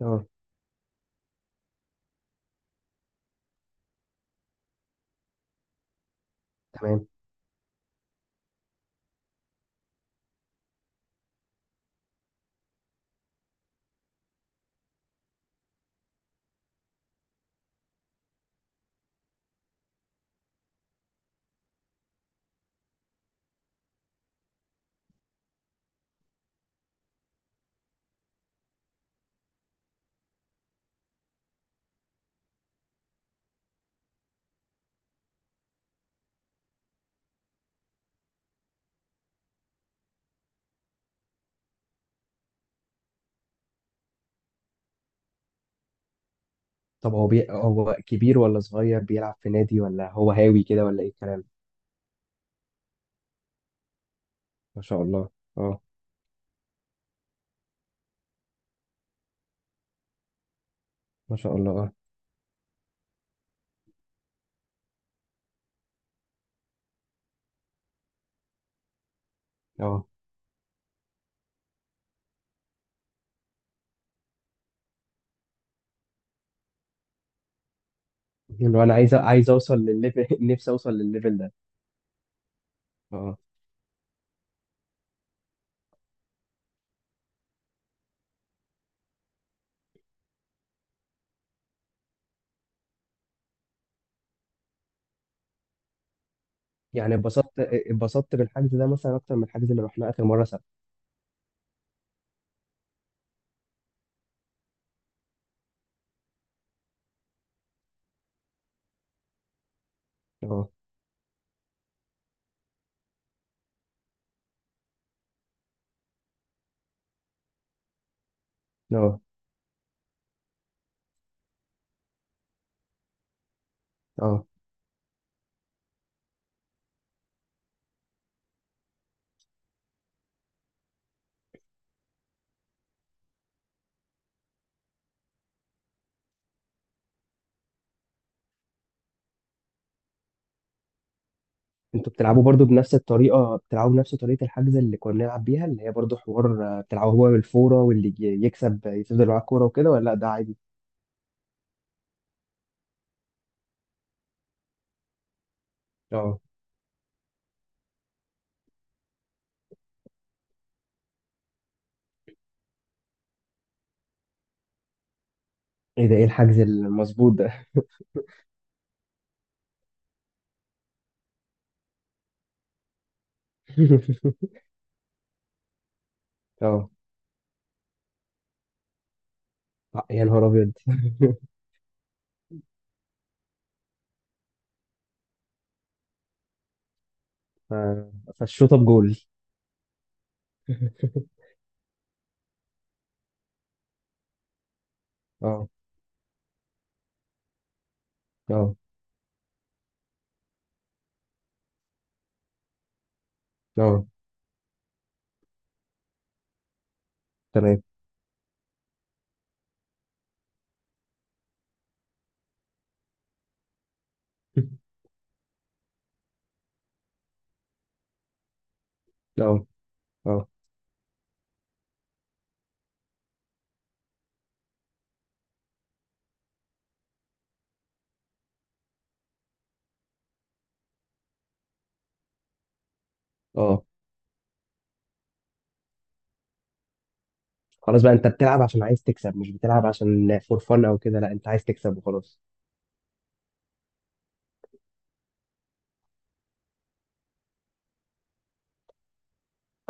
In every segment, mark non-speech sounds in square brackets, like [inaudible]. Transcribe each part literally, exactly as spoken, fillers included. اه. تمام. طب هو بي... هو كبير ولا صغير بيلعب في نادي ولا هو هاوي كده ولا ايه الكلام؟ ما شاء الله. اه. ما شاء الله. اه. اه. اللي هو انا عايز عايز اوصل للليفل [laughs] نفسي اوصل للليفل ده. اه. يعني اتبسطت، اتبسطت بالحجز ده مثلا اكتر من الحجز اللي رحناه اخر مره سبت. اه. اه. اه. انتوا بتلعبوا برضو بنفس الطريقه، بتلعبوا بنفس طريقه الحجز اللي كنا بنلعب بيها، اللي هي برضو حوار آه، بتلعبوا هو بالفوره، واللي ي- يكسب يفضل معاه الكوره وكده، ولا لا ده عادي؟ اه. ايه ده؟ ايه الحجز المظبوط ده؟ [laughs] اه. يا نهار ابيض. [laughs] ف- فالشوطه بجول. [laughs] اه. اه. اه. تمام. اه. اه. اه. خلاص بقى انت بتلعب عشان عايز تكسب، مش بتلعب عشان فور فن او كده، لا انت عايز تكسب وخلاص.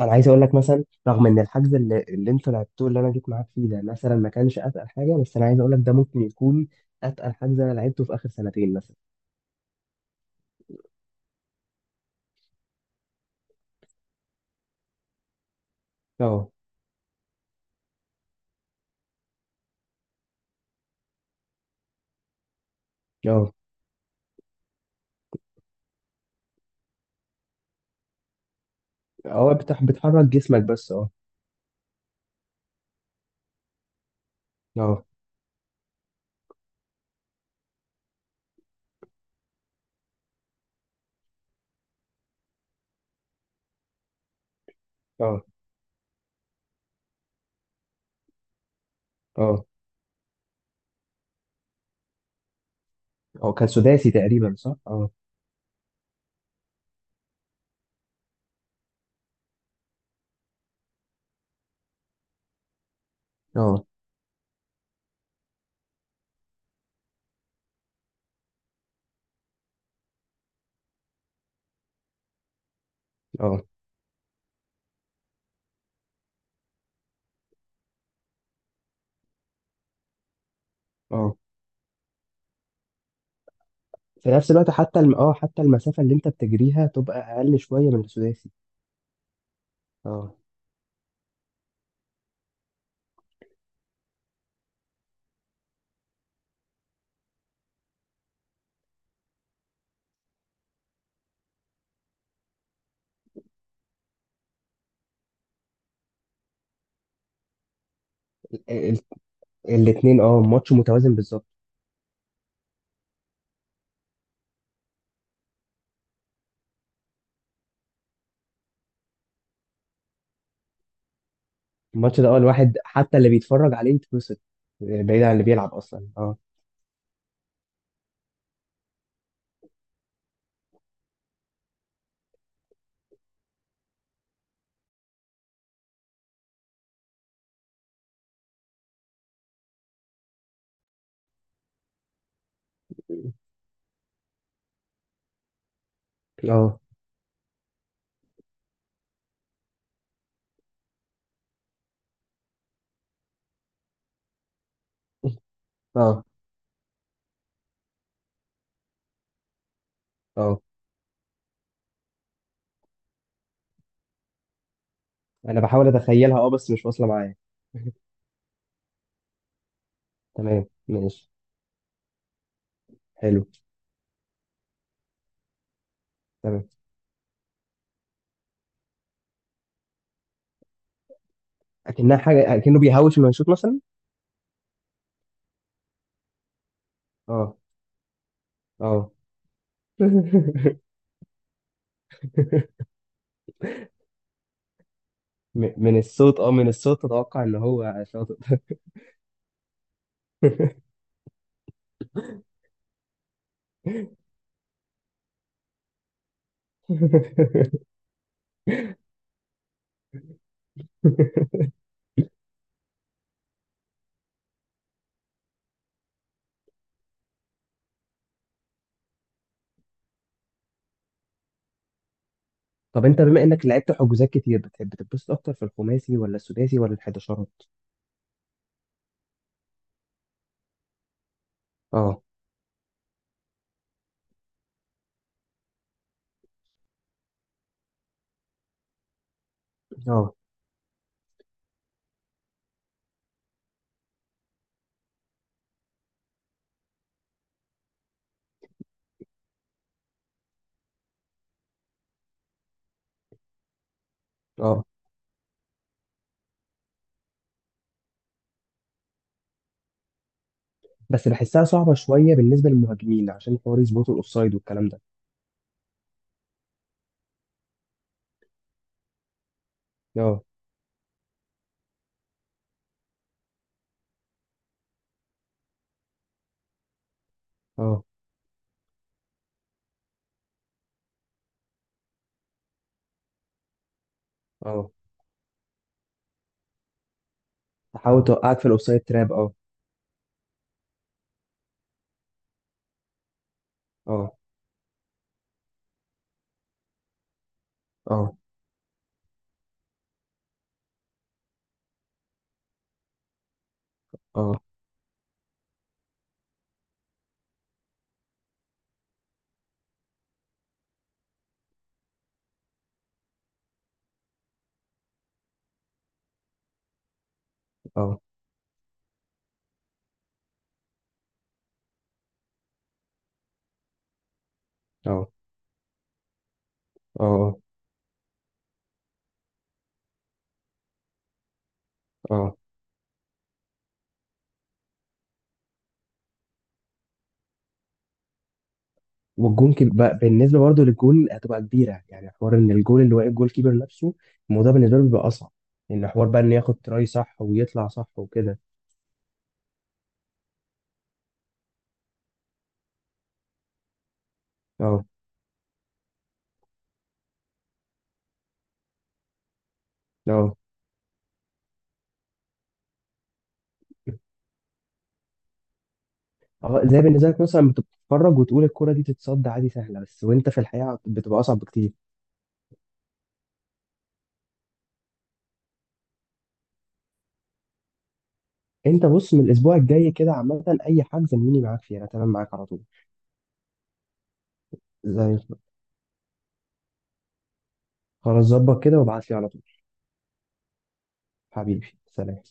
انا عايز اقول لك مثلا رغم ان الحجز اللي, اللي انتوا لعبتوه اللي انا جيت معاك فيه ده مثلا ما كانش اتقل حاجه، بس انا عايز اقول لك ده ممكن يكون اتقل حجز انا لعبته في اخر سنتين مثلا. اه. اه. اه. بتح بتحرك جسمك بس. اه. اه. اه. اه. اه كان سداسي تقريبا، صح؟ اه. اه. اه. اه. في نفس الوقت حتى الم... اه حتى المسافة اللي انت بتجريها تبقى اقل شوية من السداسي. اه. ال... ال... الاتنين، اه، ماتش متوازن بالظبط. الماتش ده اه الواحد حتى اللي بيتفرج عليه يتبسط، آه، بعيد عن اللي بيلعب اصلا. اه. اه. اه. اه. انا بحاول اتخيلها، اه، بس مش واصلة معايا. [laughs] تمام، ماشي. حلو. تمام. اكنها حاجة، اكنه بيهوش انه يشوط مثلا. اه. اه. [laughs] م- من الصوت، اه، من الصوت اتوقع ان هو شاطر. [laughs] طب انت بما انك لعبت حجوزات كتير، بتحب تتبسط اكتر في الخماسي ولا السداسي ولا الحداشرات؟ اه. اه. اه. بس بحسها صعبة شوية بالنسبة للمهاجمين عشان حوار يظبطوا الاوفسايد والكلام ده. اه. اه. اه. تحاول توقعك في الاوفسايد تراب، اه. اه. اه. اه. اه. اه. اه. اه. والجون كب- بقى- بالنسبة برضه للجون هتبقى كبيرة، يعني حوار ان الجون اللي واقف جول كيبر نفسه الموضوع بالنسبة له بيبقى اصعب. ان حوار بقى ان ياخد تراي صح ويطلع صح وكده. اه. اه. اه. زي بالنسبه لك مثلا بتتفرج وتقول الكرة دي تتصد عادي سهله، بس وانت في الحقيقه بتبقى اصعب بكتير. انت بص، من الاسبوع الجاي كده عامه اي حاجه زميني معاك فيها، انا تمام معاك على طول. زي الفل. خلاص، ظبط كده وابعت لي على طول. حبيبي سلام.